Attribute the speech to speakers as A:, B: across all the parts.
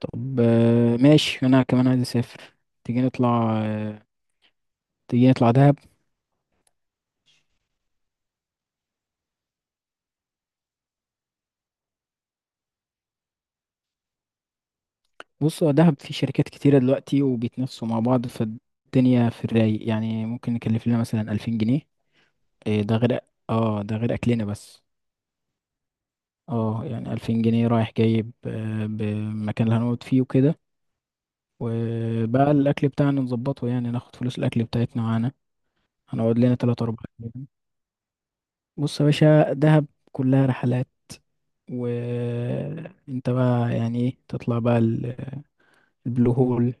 A: طب، ماشي انا كمان عايز اسافر. تيجي نطلع آه، تيجي نطلع دهب. بص، هو دهب في شركات كتيرة دلوقتي وبيتنافسوا مع بعض، فالدنيا في الرايق. يعني ممكن نكلف لنا مثلا 2000 جنيه. إيه ده غير؟ اه ده غير أكلنا بس. اه يعني 2000 جنيه رايح جايب، بمكان اللي هنقعد فيه وكده. وبقى الأكل بتاعنا نظبطه، يعني ناخد فلوس الأكل بتاعتنا معانا. هنقعد لنا 3 4 أيام. بص يا باشا، دهب كلها رحلات. وانت بقى يعني ايه، تطلع بقى البلو هول.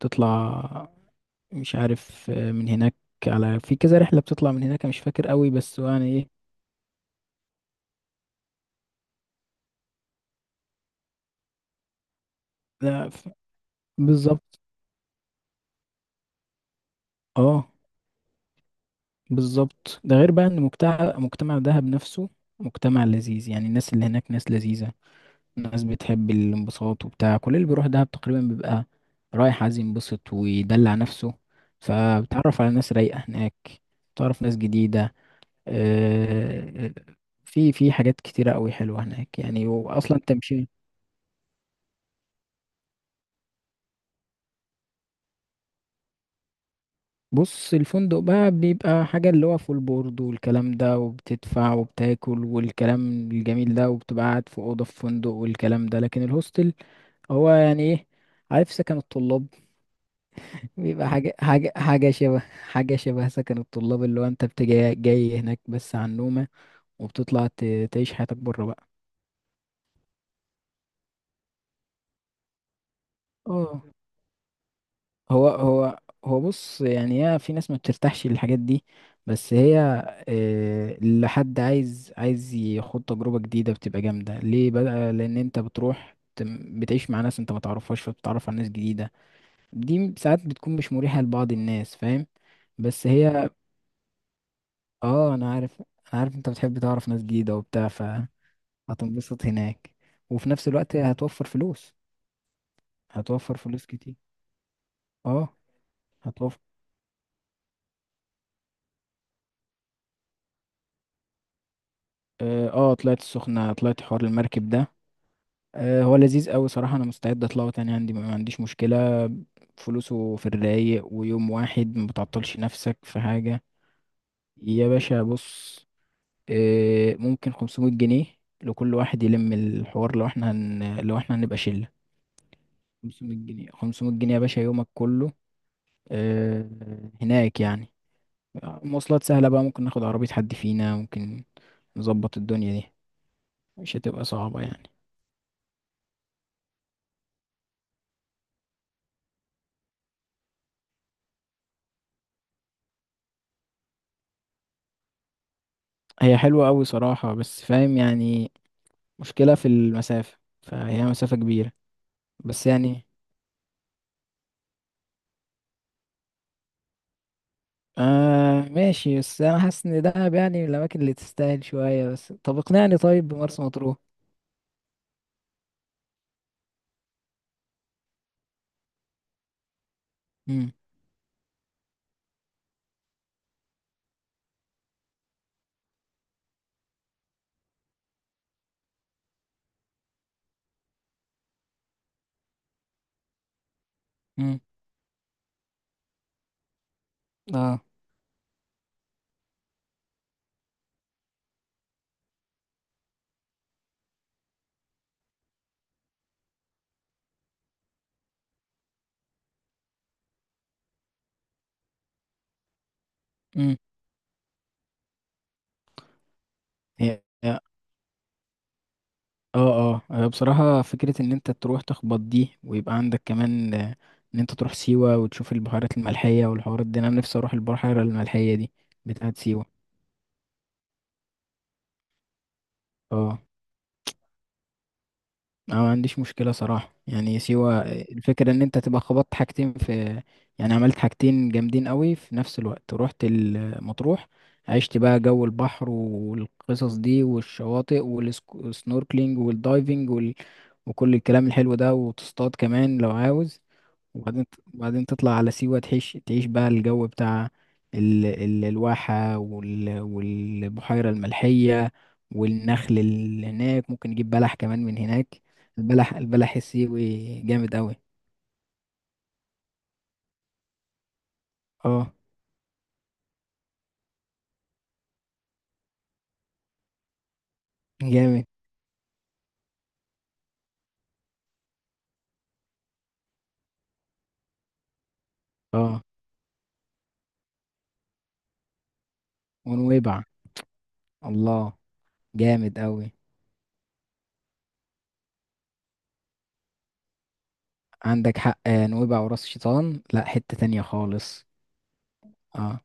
A: تطلع مش عارف من هناك. على في كذا رحلة بتطلع من هناك، أنا مش فاكر قوي، بس هو يعني ايه. لا ف- بالظبط. اه بالظبط. ده غير بقى ان مجتمع دهب نفسه مجتمع لذيذ. يعني الناس اللي هناك ناس لذيذة، ناس بتحب الانبساط وبتاع. كل اللي بيروح دهب تقريبا بيبقى رايح عايز ينبسط ويدلع نفسه. فبتعرف على ناس رايقة هناك، بتعرف ناس جديدة. آه، في حاجات كتيرة قوي حلوة هناك يعني، وأصلا تمشي. بص، الفندق بقى بيبقى حاجة، اللي هو فول بورد والكلام ده، وبتدفع وبتاكل والكلام الجميل ده، وبتبقى قاعد في أوضة في فندق والكلام ده. لكن الهوستل هو يعني إيه؟ عارف سكن الطلاب؟ بيبقى حاجة شبه سكن الطلاب، اللي هو أنت بتجي جاي هناك بس على النومة، وبتطلع تعيش حياتك بره بقى. اه. هو هو بص، يعني هي في ناس ما بترتاحش للحاجات دي، بس هي، لحد عايز يخوض تجربة جديدة بتبقى جامدة ليه بقى. لأن انت بتروح بتعيش مع ناس انت ما تعرفهاش، فبتتعرف على ناس جديدة. ساعات بتكون مش مريحة لبعض الناس، فاهم. بس هي اه انا عارف انت بتحب تعرف ناس جديدة وبتاع، فهتنبسط هناك، وفي نفس الوقت هتوفر فلوس. هتوفر فلوس كتير. اه هتوفر. اه طلعت السخنة، طلعت حوار المركب ده. هو لذيذ قوي صراحة، انا مستعد اطلعه تاني، عندي ما عنديش مشكلة. فلوسه في الرايق، ويوم واحد ما بتعطلش نفسك في حاجة. يا باشا بص، ممكن 500 جنيه لكل واحد يلم الحوار، لو احنا لو احنا هنبقى شلة. 500 جنيه، 500 جنيه يا باشا، يومك كله آه، هناك يعني. مواصلات سهلة بقى، ممكن ناخد عربية، حد فينا ممكن نظبط الدنيا دي. مش هتبقى صعبة يعني. هي حلوة قوي صراحة، بس فاهم يعني، مشكلة في المسافة، فهي مسافة كبيرة. بس يعني آه ماشي، بس أنا حاسس إن دهب يعني من الأماكن اللي تستاهل شوية. بس طب اقنعني طيب بمرسى مطروح. مم. مم. اه. مم. هي هي- اه اه بصراحة فكرة إن أنت تروح تخبط دي، ويبقى عندك كمان إن أنت تروح سيوة وتشوف البحيرات الملحية والحوارات دي. أنا نفسي أروح البحيرة الملحية دي بتاعت سيوة. اه أنا ما عنديش مشكلة صراحة يعني سيوة. الفكرة إن أنت تبقى خبطت حاجتين في، يعني عملت حاجتين جامدين قوي في نفس الوقت. رحت المطروح عشت بقى جو البحر والقصص دي والشواطئ والسنوركلينج والدايفنج وكل الكلام الحلو ده، وتصطاد كمان لو عاوز. وبعدين، وبعدين تطلع على سيوة، تعيش بقى الجو بتاع الواحة والبحيرة الملحية والنخل اللي هناك. ممكن نجيب بلح كمان من هناك. البلح السيوي جامد أوي. اه جامد. اه ونويبع. الله. جامد أوي. عندك حق، نويبع وراس شيطان لا حتة تانية خالص. اه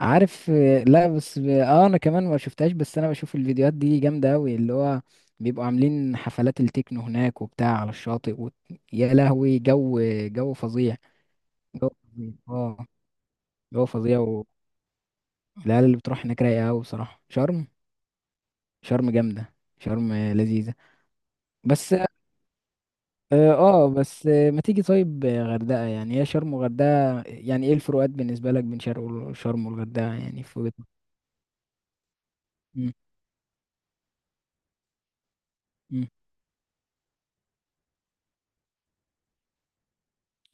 A: عارف. لا بس اه انا كمان ما شفتهاش، بس انا بشوف الفيديوهات دي جامده قوي، اللي هو بيبقوا عاملين حفلات التكنو هناك وبتاع على الشاطئ يا لهوي جو. جو فظيع. جو فظيع اه. جو فظيع. والعيال اللي بتروح هناك رايقه قوي بصراحه. شرم. شرم جامده، شرم لذيذه. بس اه بس ما تيجي طيب غردقه. يعني هي شرم وغردقه، يعني ايه الفروقات بالنسبه لك بين شرم وشرم والغردقه، يعني في نظرك؟ مم، مم.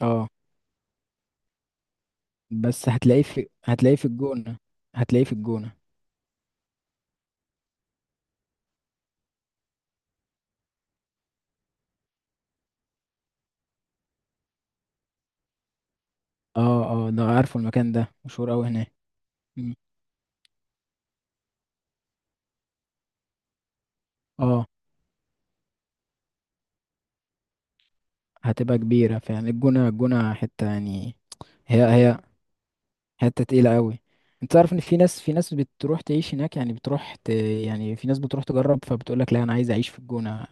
A: اه. بس هتلاقيه في الجونة. هتلاقيه في الجونة. اه اه، ده عارفه، المكان ده مشهور اوي هناك. مم. اه هتبقى كبيرة فعلا. الجونة، الجونة حتة يعني. هي حتة تقيلة اوي. انت تعرف ان في ناس بتروح تعيش هناك، يعني بتروح يعني في ناس بتروح تجرب، فبتقولك لا انا عايز اعيش في الجونة،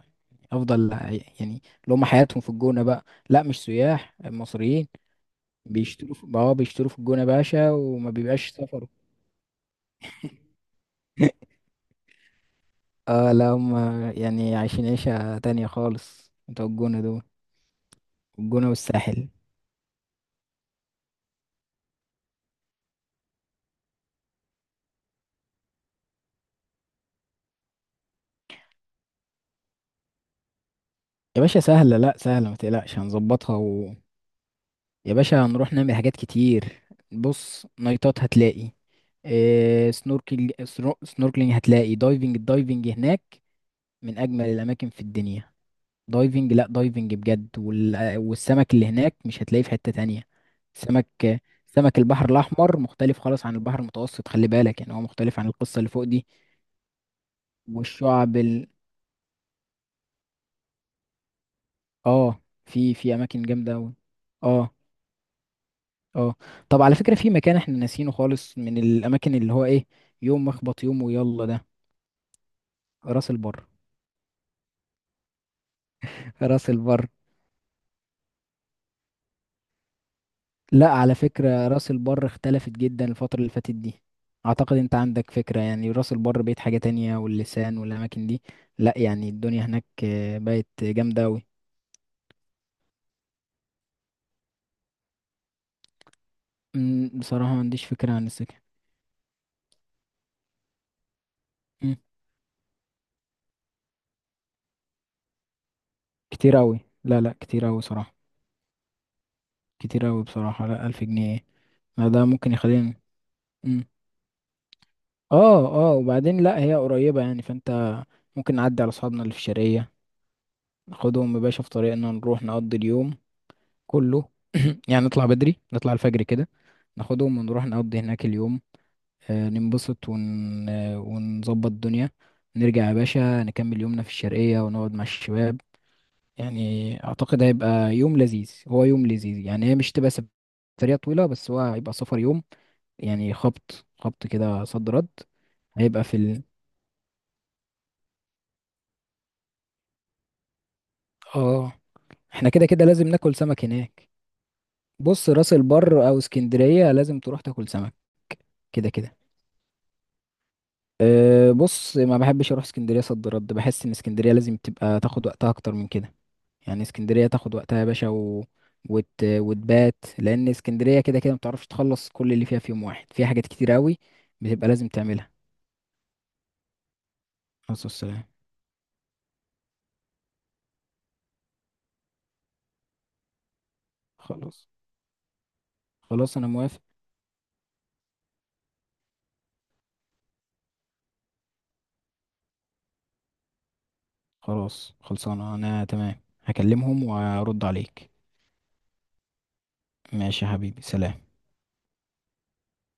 A: افضل يعني اللي هم حياتهم في الجونة بقى. لا مش سياح، مصريين. اه بيشتروا في الجونة باشا وما بيبقاش سفر. اه لا هم يعني عايشين عيشة تانية خالص بتوع الجونة دول. الجونة والساحل. يا باشا سهلة، لا سهلة ما تقلقش هنظبطها يا باشا هنروح نعمل حاجات كتير. بص، نايتات هتلاقي، إيه، سنوركل، سنوركلينج هتلاقي، دايفنج. الدايفنج هناك من أجمل الأماكن في الدنيا. دايفنج، لا دايفنج بجد. والسمك اللي هناك مش هتلاقيه في حتة تانية. سمك، سمك البحر الأحمر مختلف خالص عن البحر المتوسط، خلي بالك. يعني هو مختلف عن القصة اللي فوق دي. والشعب اه، في اماكن جامده قوي. اه اه. طب على فكره، في مكان احنا ناسينه خالص من الاماكن، اللي هو ايه، يوم مخبط يوم، ويلا ده، راس البر. راس البر، لا على فكره راس البر اختلفت جدا الفتره اللي فاتت دي. اعتقد انت عندك فكره، يعني راس البر بقت حاجه تانية واللسان والاماكن دي. لا يعني الدنيا هناك بقت جامده قوي. بصراحه ما عنديش فكره عن السكن. مم، كتير قوي، لا لا كتير قوي صراحه. كتير أوي بصراحة. لا 1000 جنيه إيه؟ لا ده ممكن يخليني. مم. اه اه، وبعدين لا هي قريبة يعني، فانت ممكن نعدي على أصحابنا اللي في الشرقية. ناخدهم يا باشا في طريقنا، نروح نقضي اليوم كله. يعني نطلع بدري، نطلع الفجر كده، ناخدهم ونروح نقضي هناك اليوم. آه ننبسط ون... آه، ونظبط الدنيا. نرجع يا باشا نكمل يومنا في الشرقية، ونقعد مع الشباب. يعني أعتقد هيبقى يوم لذيذ، هو يوم لذيذ، يعني هي مش تبقى سفرية طويلة، بس هو هيبقى سفر يوم. يعني خبط كده صد رد. هيبقى في اه احنا كده كده لازم ناكل سمك هناك. بص راس البر او اسكندرية لازم تروح تاكل سمك. كده كده. أه بص، ما بحبش اروح اسكندرية صد رد، بحس ان اسكندرية لازم تبقى تاخد وقتها اكتر من كده. يعني اسكندرية تاخد وقتها يا باشا وتبات. لان اسكندرية كده كده ما بتعرفش تخلص كل اللي فيها في يوم واحد، فيها حاجات كتير قوي بتبقى لازم تعملها. خلاص السلام. خلاص، خلاص انا موافق. خلاص خلصانة، أنا تمام، هكلمهم وأرد عليك. ماشي يا حبيبي، سلام.